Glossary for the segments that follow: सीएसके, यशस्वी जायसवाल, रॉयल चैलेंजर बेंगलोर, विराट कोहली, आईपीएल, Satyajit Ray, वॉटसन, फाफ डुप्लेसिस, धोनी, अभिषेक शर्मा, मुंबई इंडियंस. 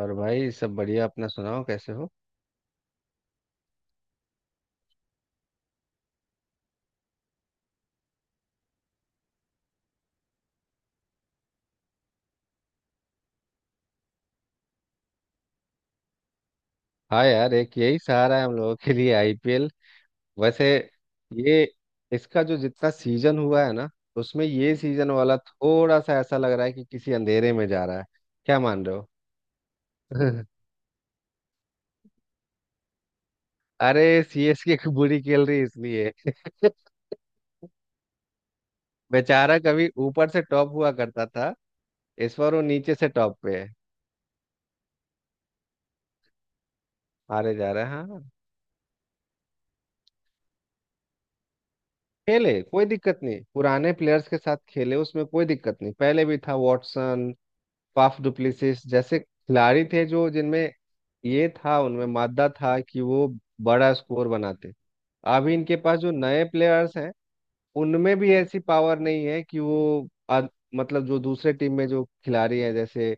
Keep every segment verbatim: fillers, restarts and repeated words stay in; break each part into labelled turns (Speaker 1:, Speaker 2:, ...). Speaker 1: और भाई सब बढ़िया। अपना सुनाओ कैसे हो। हाँ यार, एक यही सहारा है हम लोगों के लिए आईपीएल। वैसे ये इसका जो जितना सीजन हुआ है ना, उसमें ये सीजन वाला थोड़ा सा ऐसा लग रहा है कि किसी अंधेरे में जा रहा है। क्या मान रहे हो? अरे सीएसके की बुरी खेल रही है इसलिए। बेचारा कभी ऊपर से टॉप हुआ करता था, इस बार वो नीचे से टॉप पे है। हारे जा रहा है, हाँ। खेले कोई दिक्कत नहीं, पुराने प्लेयर्स के साथ खेले उसमें कोई दिक्कत नहीं। पहले भी था वॉटसन, फाफ डुप्लेसिस जैसे खिलाड़ी थे, जो जिनमें ये था उनमें मादा था कि वो बड़ा स्कोर बनाते। अभी इनके पास जो नए प्लेयर्स हैं उनमें भी ऐसी पावर नहीं है कि वो अ- मतलब जो दूसरे टीम में जो खिलाड़ी हैं, जैसे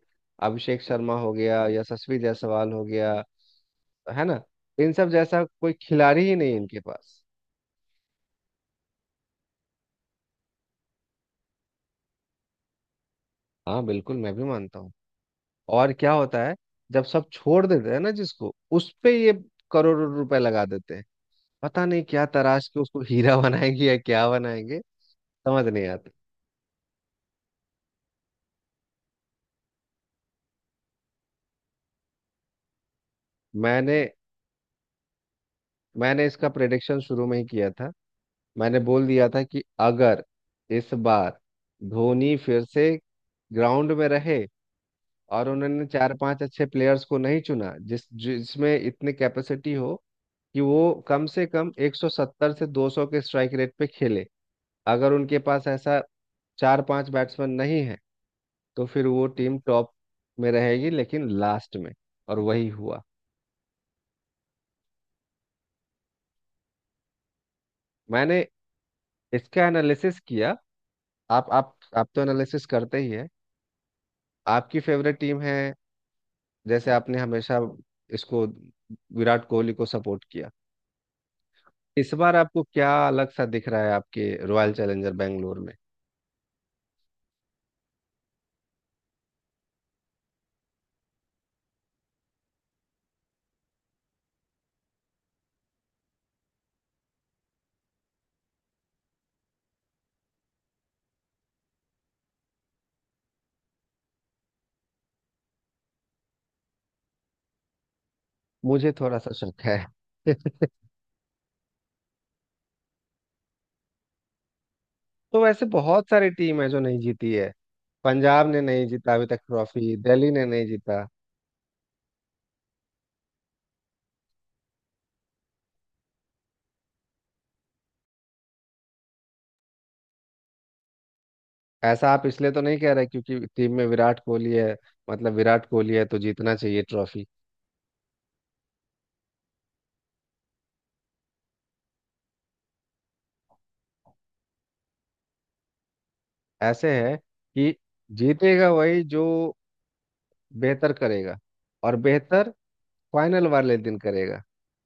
Speaker 1: अभिषेक शर्मा हो गया, यशस्वी जायसवाल हो गया, है ना, इन सब जैसा कोई खिलाड़ी ही नहीं है इनके पास। हाँ बिल्कुल, मैं भी मानता हूँ। और क्या होता है, जब सब छोड़ देते हैं ना जिसको उस पे ये करोड़ों रुपए लगा देते हैं। पता नहीं क्या तराश के उसको हीरा बनाएंगे या क्या बनाएंगे, समझ नहीं आता। मैंने मैंने इसका प्रेडिक्शन शुरू में ही किया था। मैंने बोल दिया था कि अगर इस बार धोनी फिर से ग्राउंड में रहे और उन्होंने चार पांच अच्छे प्लेयर्स को नहीं चुना जिस जिसमें इतनी कैपेसिटी हो कि वो कम से कम एक सौ सत्तर से दो सौ के स्ट्राइक रेट पे खेले, अगर उनके पास ऐसा चार पांच बैट्समैन नहीं है, तो फिर वो टीम टॉप में रहेगी लेकिन लास्ट में। और वही हुआ। मैंने इसका एनालिसिस किया। आप आप आप तो एनालिसिस करते ही है, आपकी फेवरेट टीम है। जैसे आपने हमेशा इसको विराट कोहली को सपोर्ट किया, इस बार आपको क्या अलग सा दिख रहा है आपके रॉयल चैलेंजर बेंगलोर में? मुझे थोड़ा सा शक है। तो वैसे बहुत सारी टीम है जो नहीं जीती है। पंजाब ने नहीं जीता अभी तक ट्रॉफी, दिल्ली ने नहीं जीता। ऐसा आप इसलिए तो नहीं कह रहे क्योंकि टीम में विराट कोहली है? मतलब विराट कोहली है तो जीतना चाहिए ट्रॉफी? ऐसे है कि जीतेगा वही जो बेहतर करेगा और बेहतर फाइनल वाले दिन करेगा।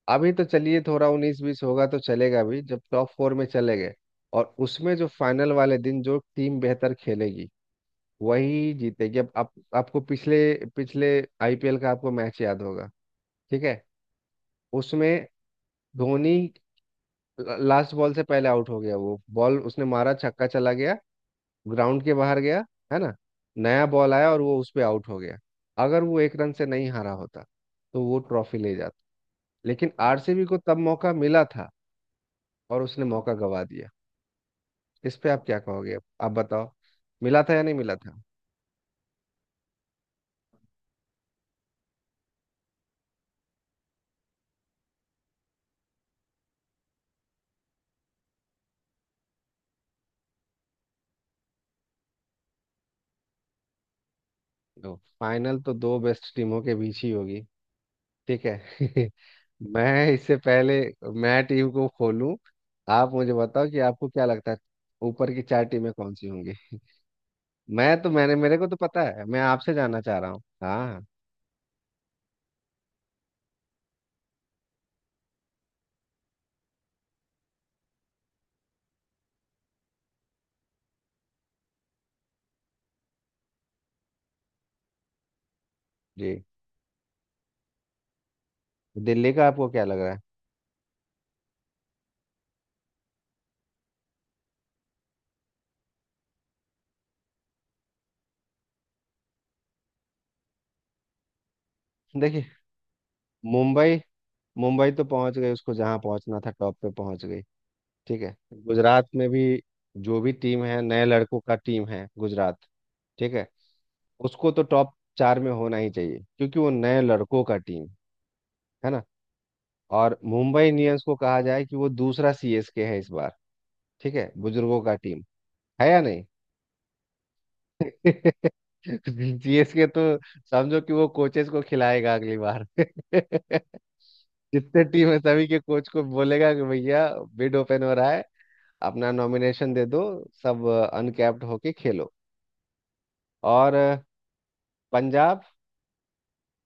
Speaker 1: अभी तो चलिए, थोड़ा उन्नीस बीस होगा तो चलेगा भी, जब टॉप फोर में चले गए। और उसमें जो फाइनल वाले दिन जो टीम बेहतर खेलेगी वही जीतेगी। अब आप, आपको पिछले पिछले आईपीएल का आपको मैच याद होगा, ठीक है। उसमें धोनी लास्ट बॉल से पहले आउट हो गया, वो बॉल उसने मारा, छक्का चला गया, ग्राउंड के बाहर गया, है ना। नया बॉल आया और वो उस पे आउट हो गया। अगर वो एक रन से नहीं हारा होता तो वो ट्रॉफी ले जाता। लेकिन आरसीबी को तब मौका मिला था और उसने मौका गवा दिया। इस पे आप क्या कहोगे? आप बताओ, मिला था या नहीं मिला था? दो फाइनल तो दो बेस्ट टीमों के बीच ही होगी, ठीक है। मैं इससे पहले मैं टीम को खोलूं, आप मुझे बताओ कि आपको क्या लगता है ऊपर की चार टीमें कौन सी होंगी। मैं तो, मैंने, मेरे को तो पता है, मैं आपसे जानना चाह रहा हूँ, हाँ। जी, दिल्ली का आपको क्या लग रहा है? देखिए, मुंबई मुंबई तो पहुंच गई, उसको जहाँ पहुंचना था टॉप पे पहुंच गई, ठीक है। गुजरात में भी जो भी टीम है नए लड़कों का टीम है गुजरात, ठीक है। उसको तो टॉप चार में होना ही चाहिए क्योंकि वो नए लड़कों का टीम है ना। और मुंबई इंडियंस को कहा जाए कि वो दूसरा सीएसके है इस बार। ठीक है, बुजुर्गों का टीम है या नहीं? सीएसके तो समझो कि वो कोचेस को खिलाएगा अगली बार। जितने टीम है सभी के कोच को बोलेगा कि भैया बिड ओपन हो रहा है, अपना नॉमिनेशन दे दो, सब अनकैप्ड होके खेलो। और अ, पंजाब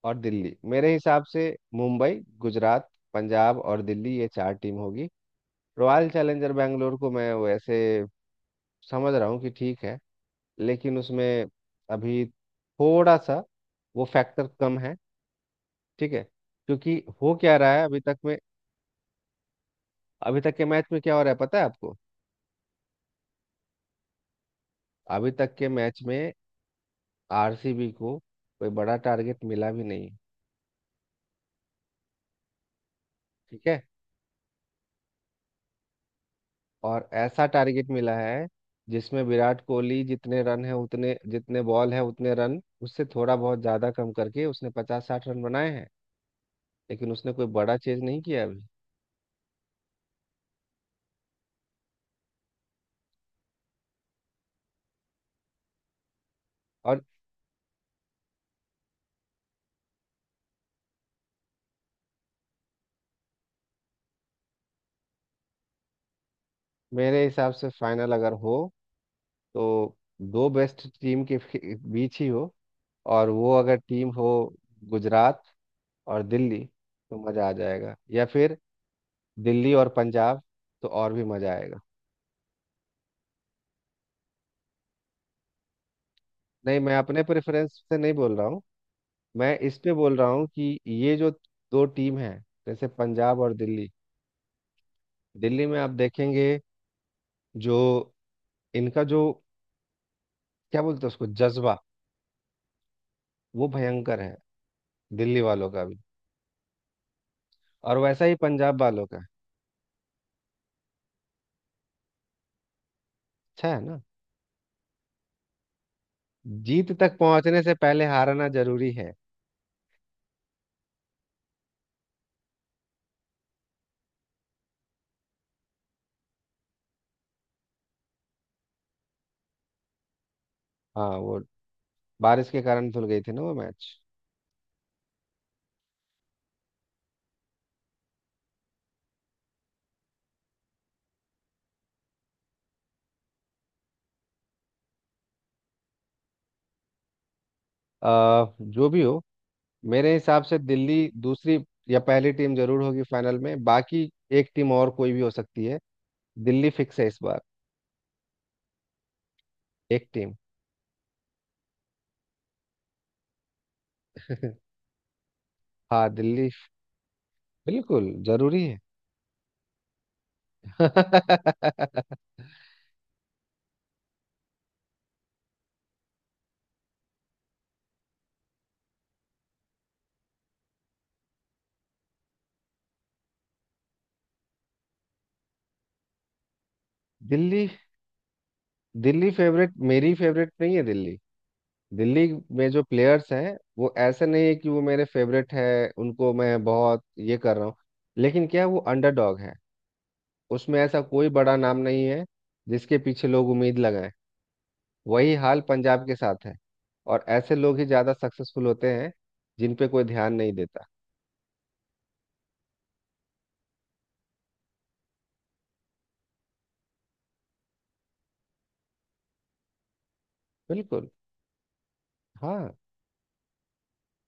Speaker 1: और दिल्ली मेरे हिसाब से मुंबई, गुजरात, पंजाब और दिल्ली, ये चार टीम होगी। रॉयल चैलेंजर बैंगलोर को मैं वैसे समझ रहा हूँ कि ठीक है, लेकिन उसमें अभी थोड़ा सा वो फैक्टर कम है, ठीक है। क्योंकि हो क्या रहा है अभी तक में, अभी तक के मैच में क्या हो रहा है पता है आपको? अभी तक के मैच में आरसीबी को कोई बड़ा टारगेट मिला भी नहीं, ठीक है। और ऐसा टारगेट मिला है जिसमें विराट कोहली जितने रन है उतने जितने बॉल है उतने रन उससे थोड़ा बहुत ज्यादा कम करके उसने पचास साठ रन बनाए हैं, लेकिन उसने कोई बड़ा चेज नहीं किया अभी। और मेरे हिसाब से फाइनल अगर हो तो दो बेस्ट टीम के फि- बीच ही हो, और वो अगर टीम हो गुजरात और दिल्ली तो मज़ा आ जाएगा, या फिर दिल्ली और पंजाब तो और भी मज़ा आएगा। नहीं, मैं अपने प्रेफरेंस से नहीं बोल रहा हूँ। मैं इस पे बोल रहा हूँ कि ये जो दो टीम है जैसे पंजाब और दिल्ली। दिल्ली में आप देखेंगे जो इनका जो क्या बोलते हैं उसको, जज्बा, वो भयंकर है दिल्ली वालों का भी, और वैसा ही पंजाब वालों का है। अच्छा है ना, जीत तक पहुंचने से पहले हारना जरूरी है। हाँ, वो बारिश के कारण धुल गई थी ना वो मैच। आ, जो भी हो, मेरे हिसाब से दिल्ली दूसरी या पहली टीम जरूर होगी फाइनल में। बाकी एक टीम और कोई भी हो सकती है। दिल्ली फिक्स है इस बार। एक टीम। हाँ दिल्ली बिल्कुल जरूरी है। दिल्ली दिल्ली फेवरेट, मेरी फेवरेट नहीं है दिल्ली। दिल्ली में जो प्लेयर्स हैं वो ऐसे नहीं है कि वो मेरे फेवरेट है। उनको मैं बहुत ये कर रहा हूँ, लेकिन क्या है, वो अंडरडॉग है। उसमें ऐसा कोई बड़ा नाम नहीं है जिसके पीछे लोग उम्मीद लगाएं। वही हाल पंजाब के साथ है। और ऐसे लोग ही ज्यादा सक्सेसफुल होते हैं जिन पे कोई ध्यान नहीं देता। बिल्कुल, हाँ।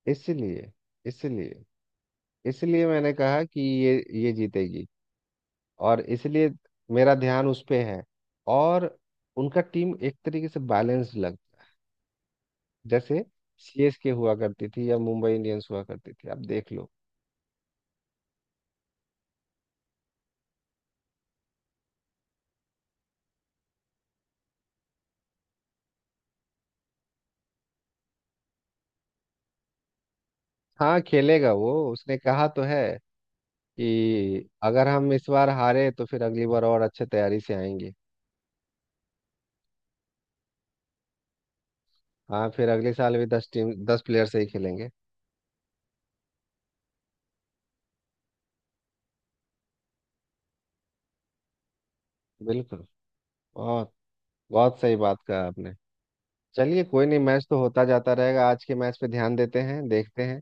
Speaker 1: इसीलिए इसीलिए इसलिए मैंने कहा कि ये ये जीतेगी और इसलिए मेरा ध्यान उस पे है। और उनका टीम एक तरीके से बैलेंस्ड लगता है, जैसे सीएसके हुआ करती थी या मुंबई इंडियंस हुआ करती थी, आप देख लो। हाँ खेलेगा वो, उसने कहा तो है कि अगर हम इस बार हारे तो फिर अगली बार और अच्छे तैयारी से आएंगे। हाँ फिर अगले साल भी दस टीम दस प्लेयर से ही खेलेंगे। बिल्कुल, बहुत बहुत सही बात कहा आपने। चलिए कोई नहीं, मैच तो होता जाता रहेगा, आज के मैच पे ध्यान देते हैं, देखते हैं।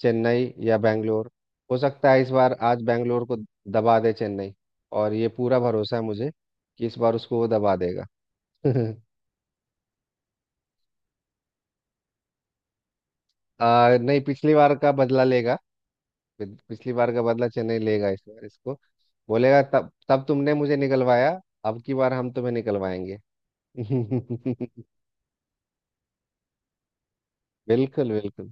Speaker 1: चेन्नई या बैंगलोर, हो सकता है इस बार आज बैंगलोर को दबा दे चेन्नई, और ये पूरा भरोसा है मुझे कि इस बार उसको वो दबा देगा। आ, नहीं, पिछली बार का बदला लेगा। पिछ- पिछली बार का बदला चेन्नई लेगा, इस बार इसको बोलेगा तब तब तुमने मुझे निकलवाया, अब की बार हम तुम्हें निकलवाएंगे। बिल्कुल बिल्कुल,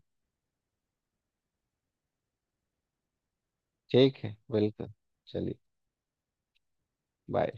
Speaker 1: ठीक है बिल्कुल। चलिए, बाय।